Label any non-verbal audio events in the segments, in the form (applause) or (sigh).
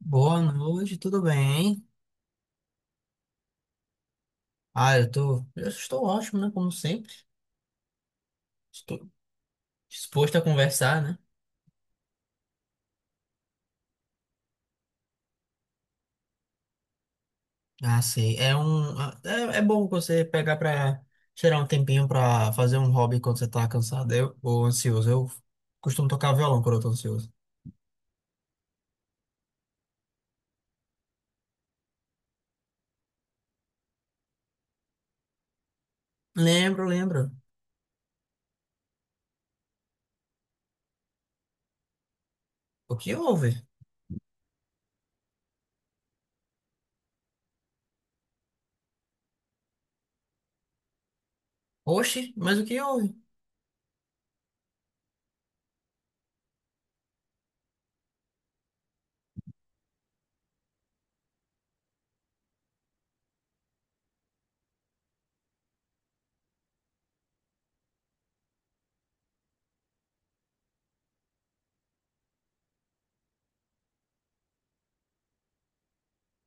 Boa noite, tudo bem? Ah, eu estou ótimo, né? Como sempre. Estou disposto a conversar, né? Ah, sei. É bom você pegar pra tirar um tempinho pra fazer um hobby quando você tá cansado ou ansioso. Eu costumo tocar violão quando eu tô ansioso. Lembro, lembro. O que houve? Oxi, mas o que houve?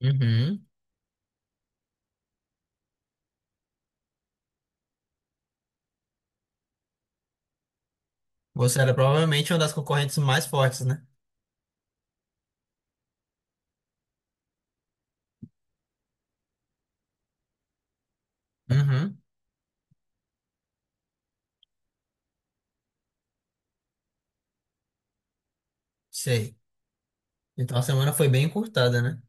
Uhum. Você era provavelmente uma das concorrentes mais fortes, né? Uhum. Sei. Então a semana foi bem encurtada, né?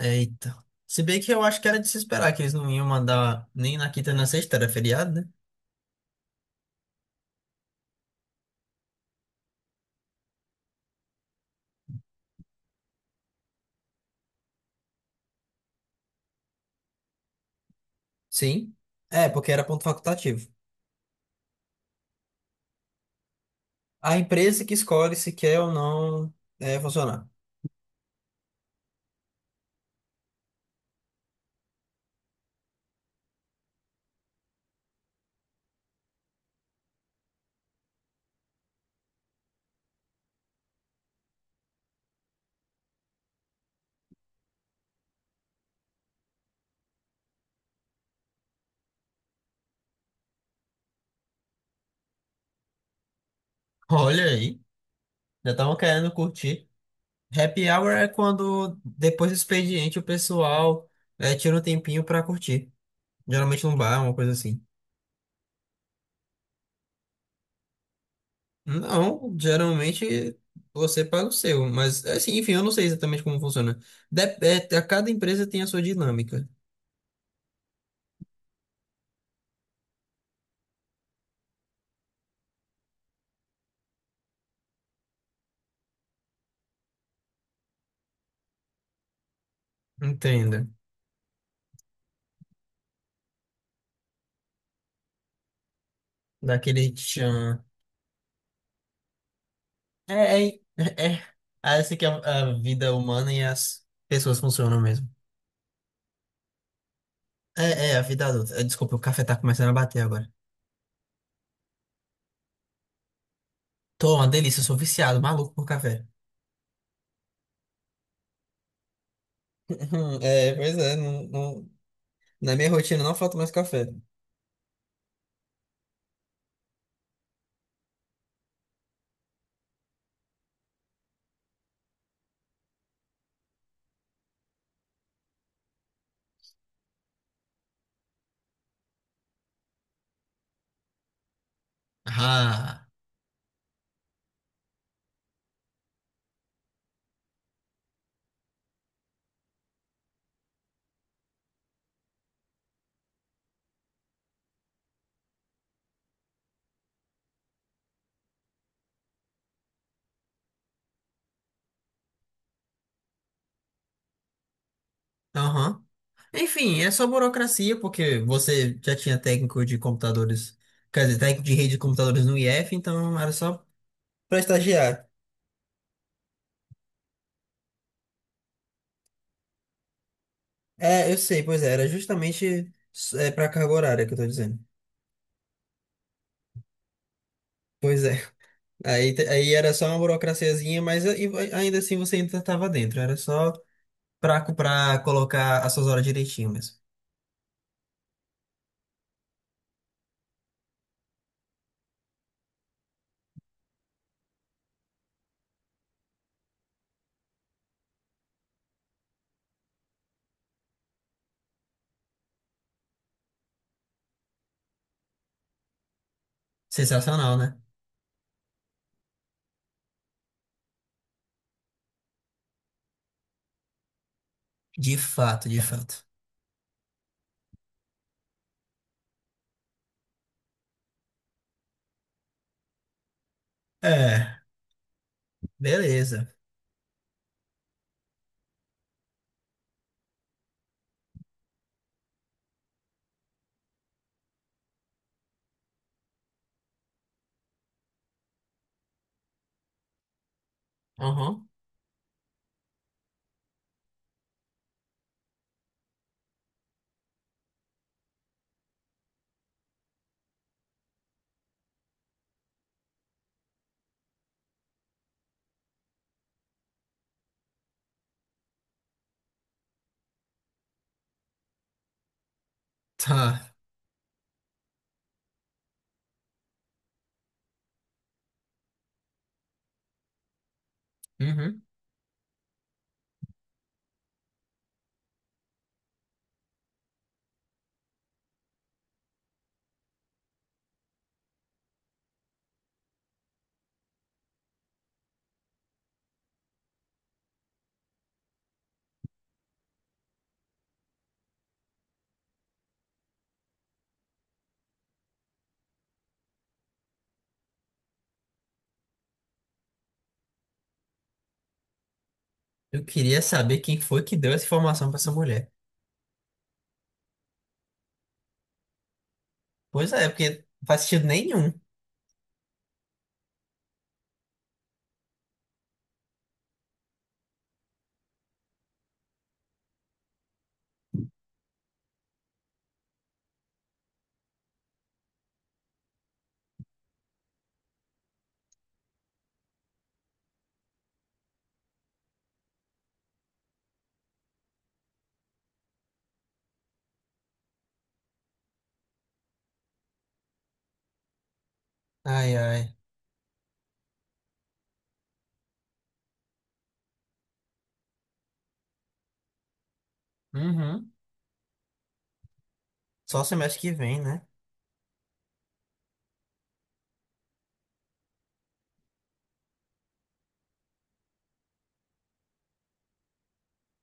Eita. Se bem que eu acho que era de se esperar que eles não iam mandar nem na quinta nem na sexta, era feriado, né? Sim. É, porque era ponto facultativo. A empresa que escolhe se quer ou não funcionar. Olha aí, já estavam querendo curtir. Happy hour é quando, depois do expediente, o pessoal tira um tempinho pra curtir. Geralmente num bar, uma coisa assim. Não, geralmente você paga o seu, mas assim, enfim, eu não sei exatamente como funciona. A cada empresa tem a sua dinâmica. Entenda. Daquele tchan. É, é, é. é. Ah, essa que é a vida humana e as pessoas funcionam mesmo. É, é, a vida adulta. Desculpa, o café tá começando a bater agora. Tô, uma delícia, eu sou viciado, maluco por café. (laughs) Uhum, é, pois é, na minha rotina não falta mais café. Ah, aham. Enfim, é só burocracia, porque você já tinha técnico de computadores, quer dizer, técnico de rede de computadores no IF, então era só pra estagiar. É, eu sei, pois é, era justamente para carga horária que eu tô dizendo. Pois é, aí era só uma burocraciazinha, mas e ainda assim você ainda tava dentro, era só pra, pra colocar as suas horas direitinho mesmo. Sensacional, né? De fato, de fato. É, beleza. Aham, tá. Uhum. Eu queria saber quem foi que deu essa informação pra essa mulher. Pois é, porque não faz sentido nenhum. Ai, ai. Uhum. Só semestre que vem, né?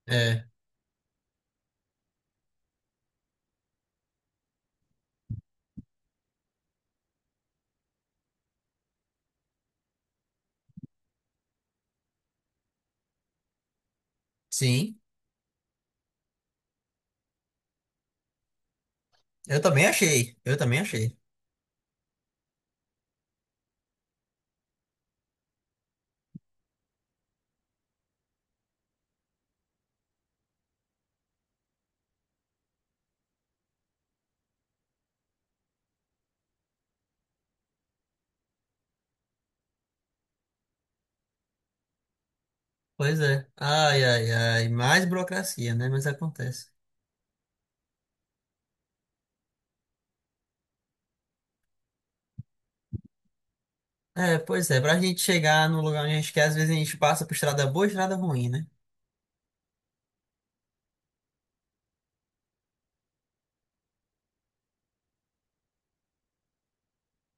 É, sim. Eu também achei, eu também achei. Pois é. Ai, ai, ai. Mais burocracia, né? Mas acontece. É, pois é. Pra gente chegar no lugar onde a gente quer, às vezes a gente passa por estrada boa e estrada ruim, né?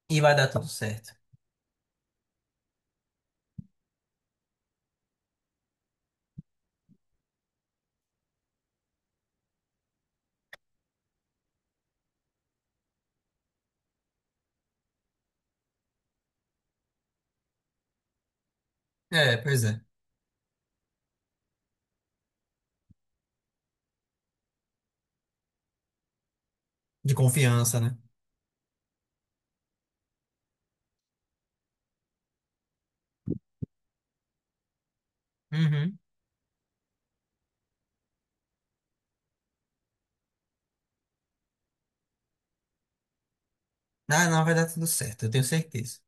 E vai dar tudo certo. É, pois é. De confiança, né? Uhum. Ah, não, vai dar tudo certo, eu tenho certeza.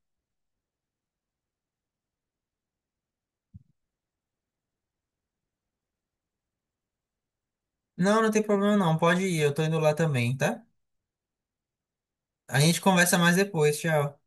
Não, não tem problema não. Pode ir, eu tô indo lá também, tá? A gente conversa mais depois, tchau.